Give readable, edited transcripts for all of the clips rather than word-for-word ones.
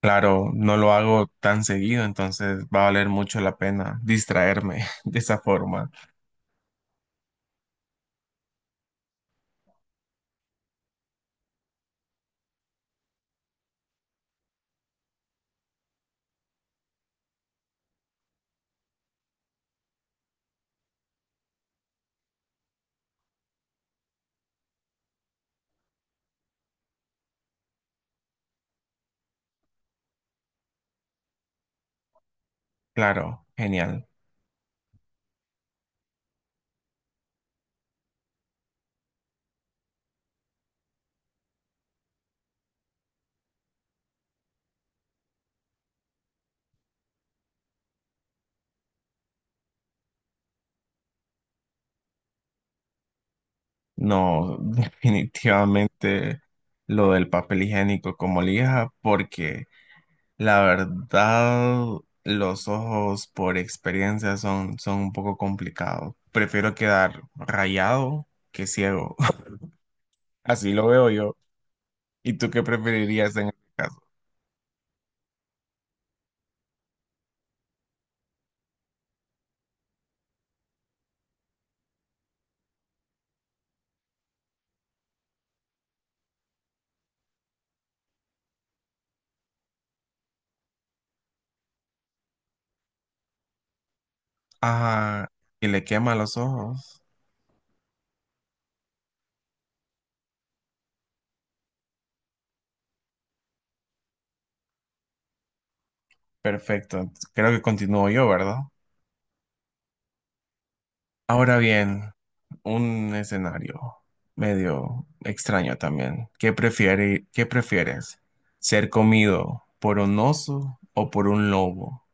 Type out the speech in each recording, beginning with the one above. Claro, no lo hago tan seguido, entonces va a valer mucho la pena distraerme de esa forma. Claro, genial. No, definitivamente lo del papel higiénico como lija, porque la verdad los ojos por experiencia son un poco complicados. Prefiero quedar rayado que ciego. Así lo veo yo. ¿Y tú qué preferirías en este caso? Ah, y le quema los ojos. Perfecto. Creo que continúo yo, ¿verdad? Ahora bien, un escenario medio extraño también. ¿Qué prefieres? ¿Ser comido por un oso o por un lobo?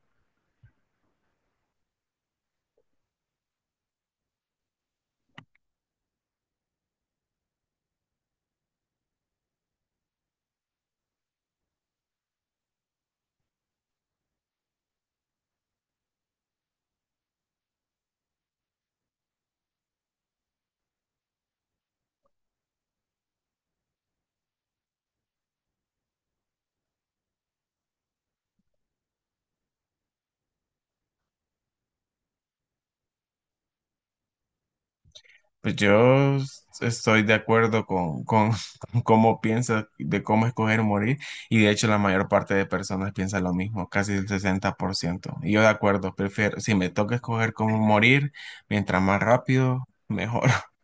Pues yo estoy de acuerdo con cómo piensa de cómo escoger morir, y de hecho la mayor parte de personas piensa lo mismo, casi el 60%. Y yo de acuerdo, prefiero, si me toca escoger cómo morir, mientras más rápido, mejor.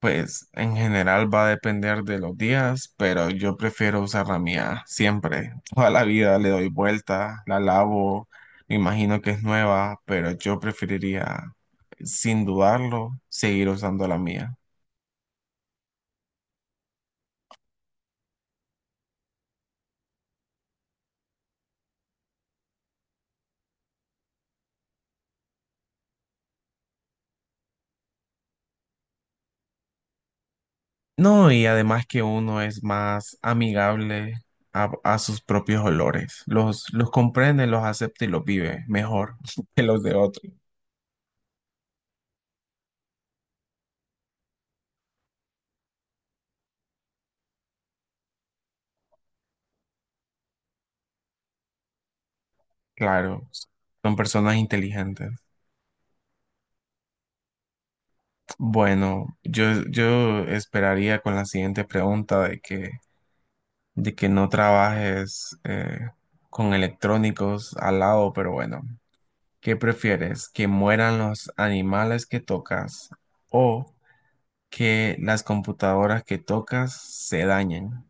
Pues en general va a depender de los días, pero yo prefiero usar la mía siempre. Toda la vida le doy vuelta, la lavo, me imagino que es nueva, pero yo preferiría, sin dudarlo, seguir usando la mía. No, y además que uno es más amigable a sus propios olores. Los comprende, los acepta y los vive mejor que los de otros. Claro, son personas inteligentes. Bueno, yo esperaría con la siguiente pregunta de que no trabajes con electrónicos al lado, pero bueno, ¿qué prefieres? ¿Que mueran los animales que tocas o que las computadoras que tocas se dañan?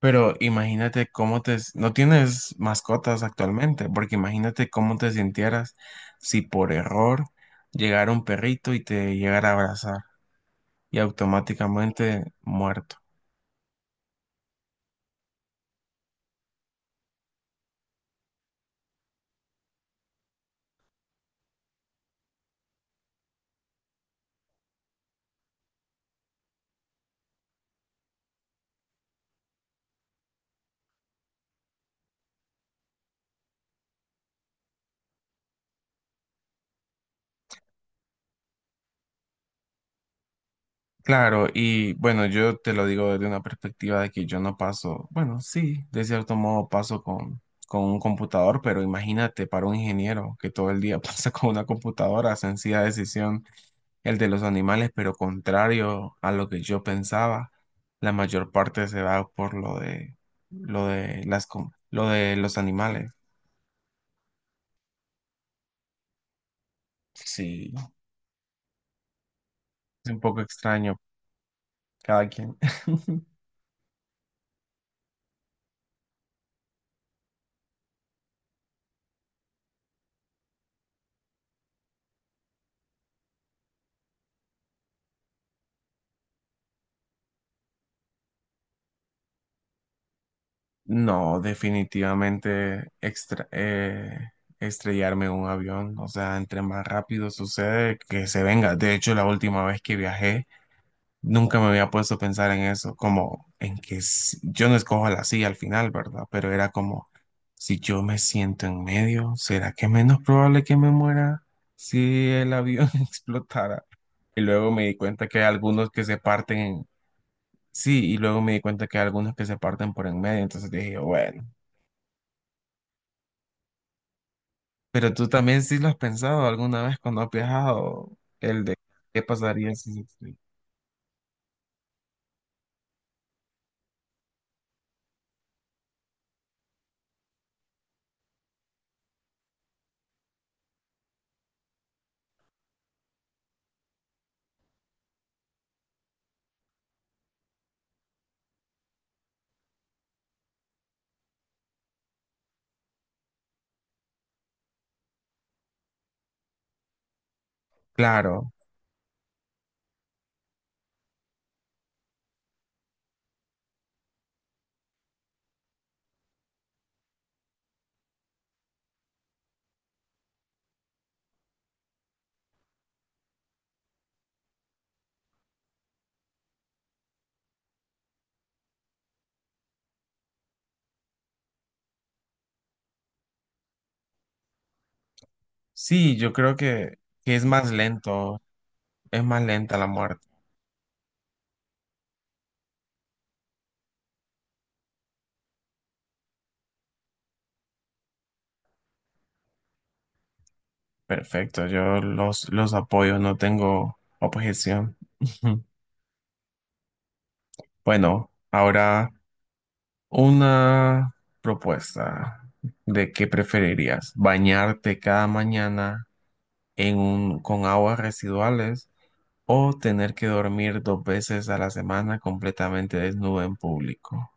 Pero imagínate cómo te... No tienes mascotas actualmente, porque imagínate cómo te sintieras si por error llegara un perrito y te llegara a abrazar y automáticamente muerto. Claro, y bueno, yo te lo digo desde una perspectiva de que yo no paso, bueno, sí, de cierto modo paso con un computador, pero imagínate para un ingeniero que todo el día pasa con una computadora, sencilla decisión el de los animales, pero contrario a lo que yo pensaba, la mayor parte se va por lo de las lo de los animales. Sí, es un poco extraño cada quien. No, definitivamente estrellarme en un avión, o sea, entre más rápido sucede que se venga. De hecho, la última vez que viajé nunca me había puesto a pensar en eso, como en que yo no escojo la silla al final, ¿verdad? Pero era como, si yo me siento en medio, ¿será que es menos probable que me muera si el avión explotara? Y luego me di cuenta que hay algunos que se parten sí, y luego me di cuenta que hay algunos que se parten por en medio, entonces dije, bueno, pero tú también sí lo has pensado alguna vez cuando has viajado, el de qué pasaría si... Claro, sí, yo creo que es más lento. Es más lenta la muerte. Perfecto, yo los apoyo, no tengo objeción. Bueno, ahora una propuesta de qué preferirías, bañarte cada mañana en un, con aguas residuales, o tener que dormir dos veces a la semana completamente desnudo en público.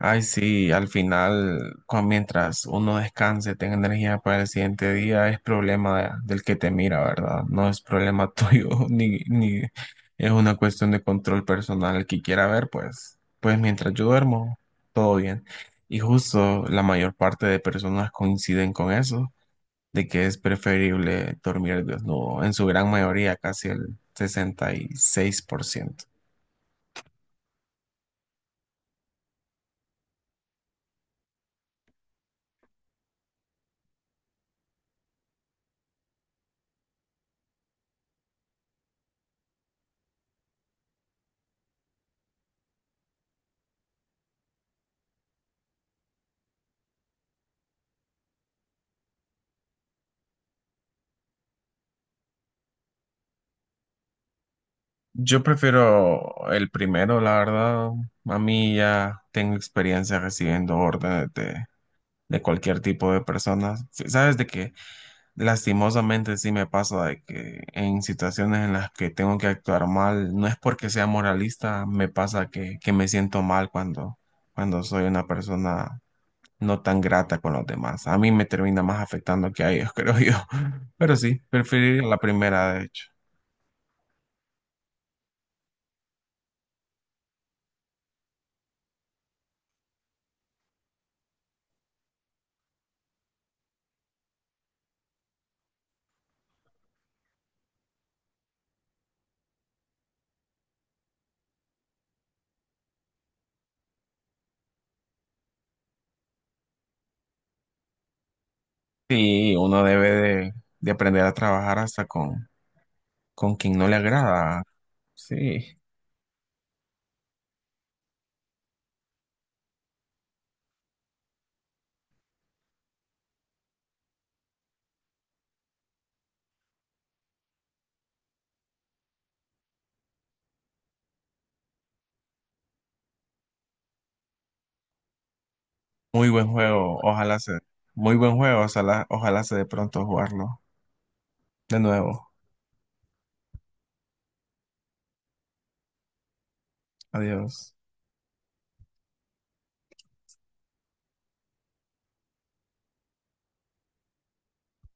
Ay, sí, al final, mientras uno descanse, tenga energía para el siguiente día, es problema del que te mira, ¿verdad? No es problema tuyo, ni es una cuestión de control personal. El que quiera ver, pues mientras yo duermo, todo bien. Y justo la mayor parte de personas coinciden con eso, de que es preferible dormir desnudo, en su gran mayoría, casi el 66%. Yo prefiero el primero, la verdad. A mí ya tengo experiencia recibiendo órdenes de cualquier tipo de personas. Sí, sabes de que lastimosamente sí me pasa de que en situaciones en las que tengo que actuar mal, no es porque sea moralista, me pasa que me siento mal cuando, cuando soy una persona no tan grata con los demás. A mí me termina más afectando que a ellos, creo yo. Pero sí, preferir la primera, de hecho. Sí, uno debe de aprender a trabajar hasta con quien no le agrada. Sí, muy buen juego. Muy buen juego. Ojalá se de pronto jugarlo de nuevo. Adiós.